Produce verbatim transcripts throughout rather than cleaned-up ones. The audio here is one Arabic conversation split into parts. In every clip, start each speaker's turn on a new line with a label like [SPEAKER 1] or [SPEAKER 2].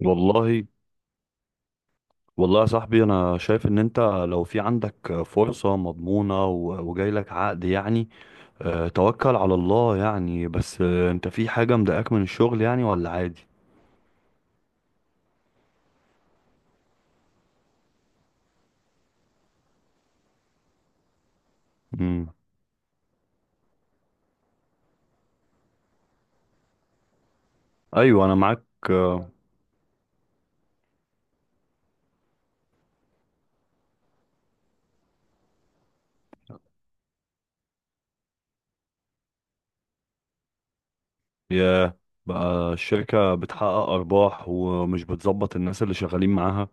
[SPEAKER 1] والله، والله يا صاحبي، انا شايف ان انت لو في عندك فرصة مضمونة و- وجاي لك عقد يعني. آه، توكل على الله يعني. بس آه، انت في حاجة مضايقاك من الشغل يعني ولا عادي؟ مم. ايوه، انا معاك. آه، يا، بقى الشركة بتحقق ارباح ومش بتظبط الناس اللي شغالين معاها.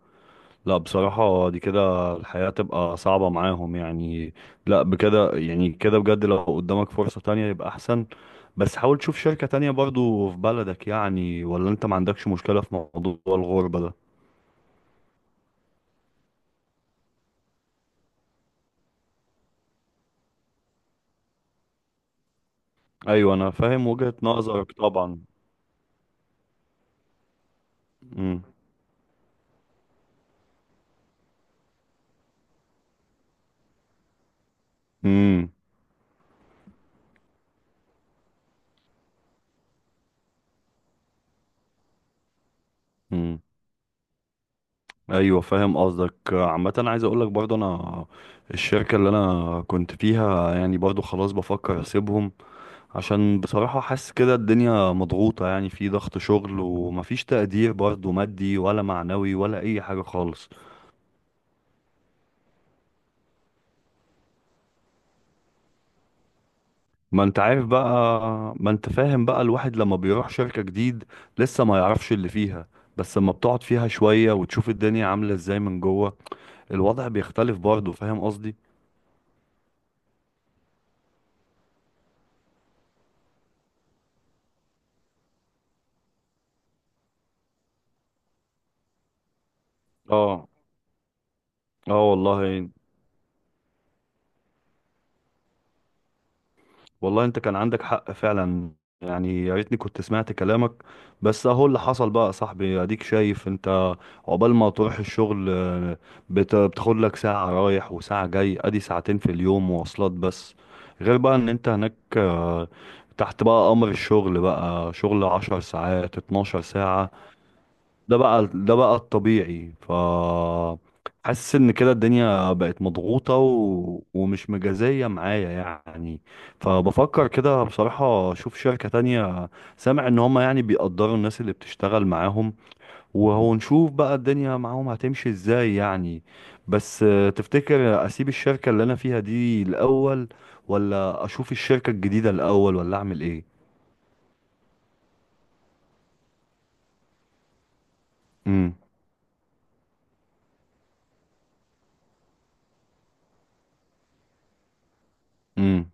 [SPEAKER 1] لا، بصراحة دي كده الحياة تبقى صعبة معاهم يعني. لا، بكده يعني كده بجد لو قدامك فرصة تانية يبقى أحسن. بس حاول تشوف شركة تانية برضو في بلدك يعني، ولا أنت ما عندكش مشكلة في موضوع الغربة ده؟ أيوة، أنا فاهم وجهة نظرك طبعا. مم. مم. مم. أيوة، فاهم قصدك. عامة عايز أقولك برضو أنا الشركة اللي أنا كنت فيها يعني برضو خلاص بفكر أسيبهم، عشان بصراحة حاسس كده الدنيا مضغوطة يعني، في ضغط شغل ومفيش تقدير برضه مادي ولا معنوي ولا أي حاجة خالص. ما انت عارف بقى، ما انت فاهم بقى الواحد لما بيروح شركة جديد لسه ما يعرفش اللي فيها. بس لما بتقعد فيها شوية وتشوف الدنيا عاملة ازاي من جوه، الوضع بيختلف برضه. فاهم قصدي؟ اه اه، والله والله انت كان عندك حق فعلا. يعني يا ريتني كنت سمعت كلامك. بس اهو اللي حصل بقى يا صاحبي، اديك شايف انت. عقبال ما تروح الشغل آه، بت- بتاخد لك ساعة رايح وساعة جاي، ادي ساعتين في اليوم مواصلات بس. غير بقى ان انت هناك آه، تحت بقى امر الشغل، بقى شغل عشر ساعات اتناشر ساعة. ده بقى ده بقى الطبيعي. ف حاسس ان كده الدنيا بقت مضغوطة و... ومش مجازية معايا يعني. فبفكر كده بصراحة اشوف شركة تانية. سامع ان هما يعني بيقدروا الناس اللي بتشتغل معاهم، وهو نشوف بقى الدنيا معاهم هتمشي ازاي يعني. بس آه، تفتكر اسيب الشركة اللي انا فيها دي الاول، ولا اشوف الشركة الجديدة الاول، ولا اعمل ايه؟ امم. امم.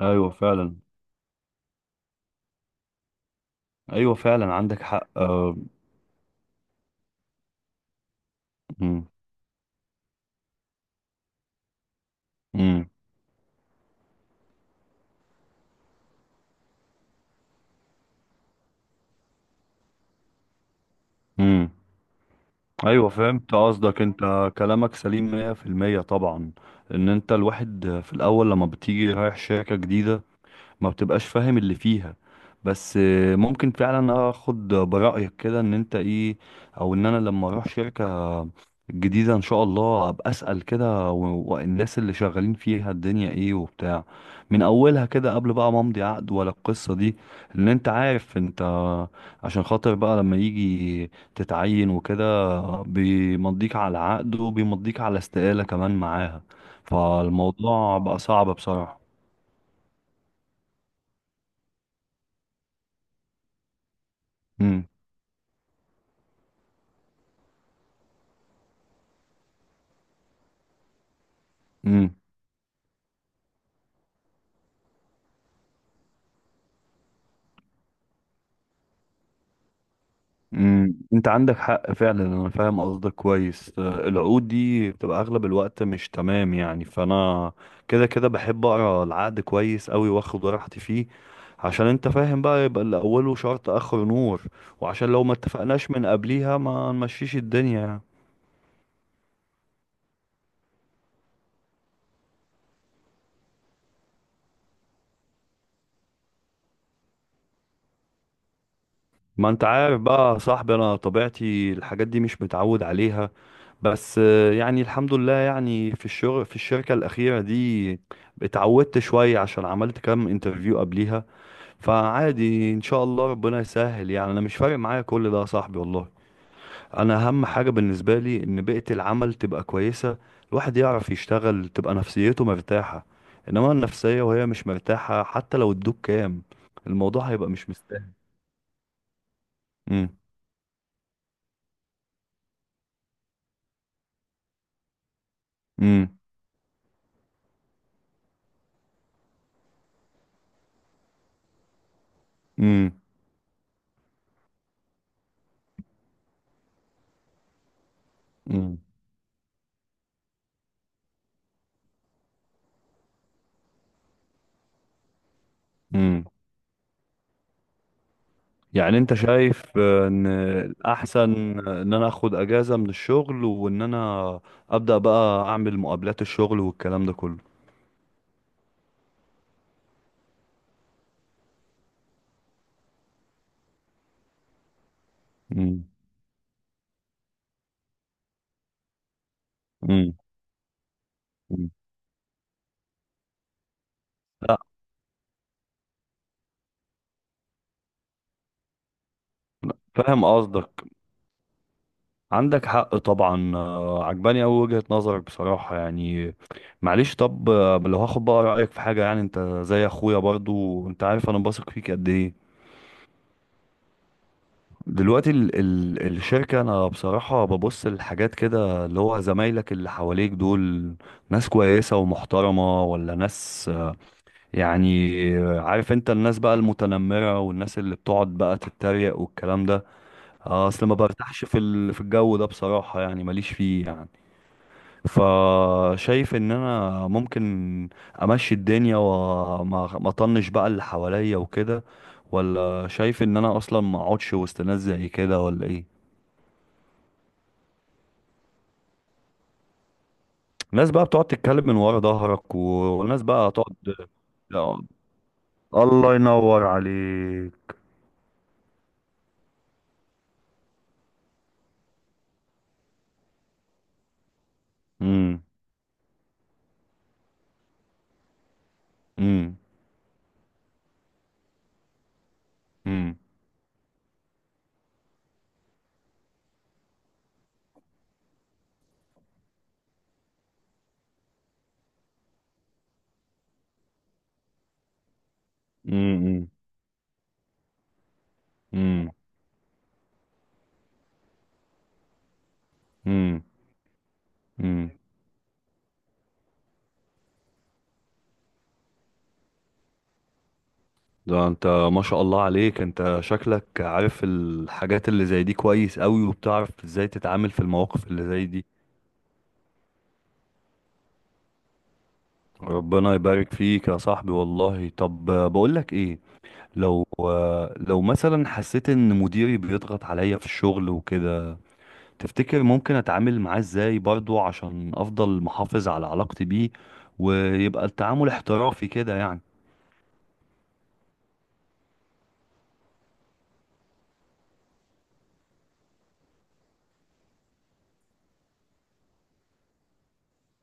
[SPEAKER 1] ايوه فعلا. ايوه فعلا، عندك حق. آه، امم. امم. امم. ايوه فهمت قصدك، انت كلامك سليم مية في المية طبعا. ان انت الواحد في الاول لما بتيجي رايح شركة جديدة ما بتبقاش فاهم اللي فيها. بس آه، ممكن فعلا اخد برأيك كده، ان انت ايه، او ان انا لما اروح شركة جديدة ان شاء الله ابقى اسأل كده و- والناس اللي شغالين فيها الدنيا ايه وبتاع، من اولها كده قبل بقى ما امضي عقد ولا القصة دي. لان انت عارف انت، عشان خاطر بقى لما يجي تتعين وكده بيمضيك على عقد وبيمضيك على استقالة كمان معاها. فالموضوع بقى صعب بصراحة. امم. امم. امم، انت عندك حق فعلا، انا فاهم قصدك كويس. آه، العقود دي بتبقى اغلب الوقت مش تمام يعني، فانا كده كده بحب اقرا العقد كويس قوي واخد راحتي فيه. عشان انت فاهم بقى، يبقى اللي اوله شرط اخره نور، وعشان لو ما اتفقناش من قبليها ما نمشيش الدنيا يعني. ما انت عارف بقى يا صاحبي، انا طبيعتي الحاجات دي مش متعود عليها. بس آه، يعني الحمد لله يعني في الشغل في الشركة الأخيرة دي اتعودت شوية، عشان عملت كام انترفيو قبليها. فعادي ان شاء الله ربنا يسهل يعني. انا مش فارق معايا كل ده يا صاحبي والله. انا اهم حاجة بالنسبة لي ان بيئة العمل تبقى كويسة، الواحد يعرف يشتغل تبقى نفسيته مرتاحة. انما النفسية وهي مش مرتاحة حتى لو ادوك كام، الموضوع هيبقى مش مستاهل. امم. امم. امم. امم. امم. يعني انت شايف آه، ان الاحسن ان انا اخد اجازة من الشغل، وان انا ابدأ بقى اعمل مقابلات الشغل والكلام ده كله. امم. امم. فاهم قصدك، عندك حق طبعا. آه، عجباني أوي وجهة نظرك بصراحة يعني. معلش طب، آه، لو هاخد بقى رأيك في حاجة يعني، انت زي اخويا برضو، انت عارف انا بثق فيك قد ايه. دلوقتي ال ال الشركة، انا بصراحة ببص للحاجات كده اللي هو زمايلك اللي حواليك دول، ناس كويسة ومحترمة ولا ناس آه، يعني، آه، عارف انت الناس بقى المتنمرة والناس اللي بتقعد بقى تتريق والكلام ده. اه، اصل ما برتاحش في ال- في الجو ده بصراحة يعني، ماليش فيه يعني. فشايف ان انا ممكن امشي الدنيا وما ما اطنش بقى اللي حواليا وكده، ولا شايف ان انا اصلا ما اقعدش وسط ناس زي كده، ولا ايه؟ ناس بقى بتقعد تتكلم من ورا ظهرك و- وناس بقى تقعد. الله ينور عليك. امم. امم. امم. امم. امم. امم. ده انت ما شاء الله عليك، انت شكلك عارف الحاجات اللي زي دي كويس قوي، وبتعرف ازاي تتعامل في المواقف اللي زي دي. ربنا يبارك فيك يا صاحبي والله. طب آه، بقولك ايه، لو آه، لو مثلا حسيت ان مديري بيضغط عليا في الشغل وكده، تفتكر ممكن اتعامل معاه ازاي برضو عشان افضل محافظ على علاقتي بيه، ويبقى التعامل احترافي كده يعني؟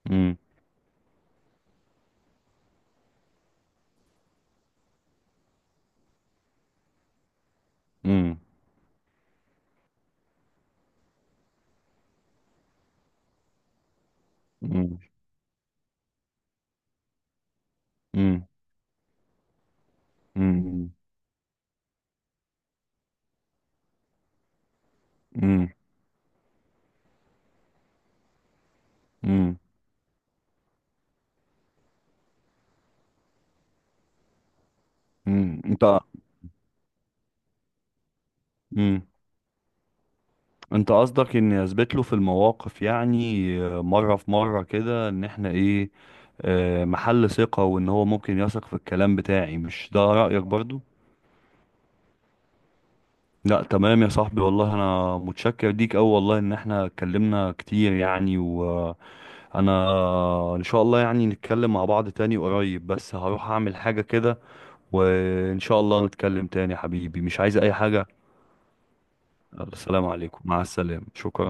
[SPEAKER 1] امم. امم. امم. امم. امم. امم. امم. انت امم انت قصدك اني اثبت له في المواقف يعني، آه، مره في مره كده، ان احنا ايه، آه، محل ثقه، وان هو ممكن يثق في الكلام بتاعي. مش ده رايك برضو؟ لا تمام يا صاحبي والله، انا متشكر ليك اوي والله ان احنا اتكلمنا كتير يعني. وانا ان شاء الله يعني نتكلم مع بعض تاني قريب، بس هروح اعمل حاجه كده. وان شاء الله نتكلم تاني يا حبيبي. مش عايز اي حاجه. السلام عليكم، مع السلامه، شكرا.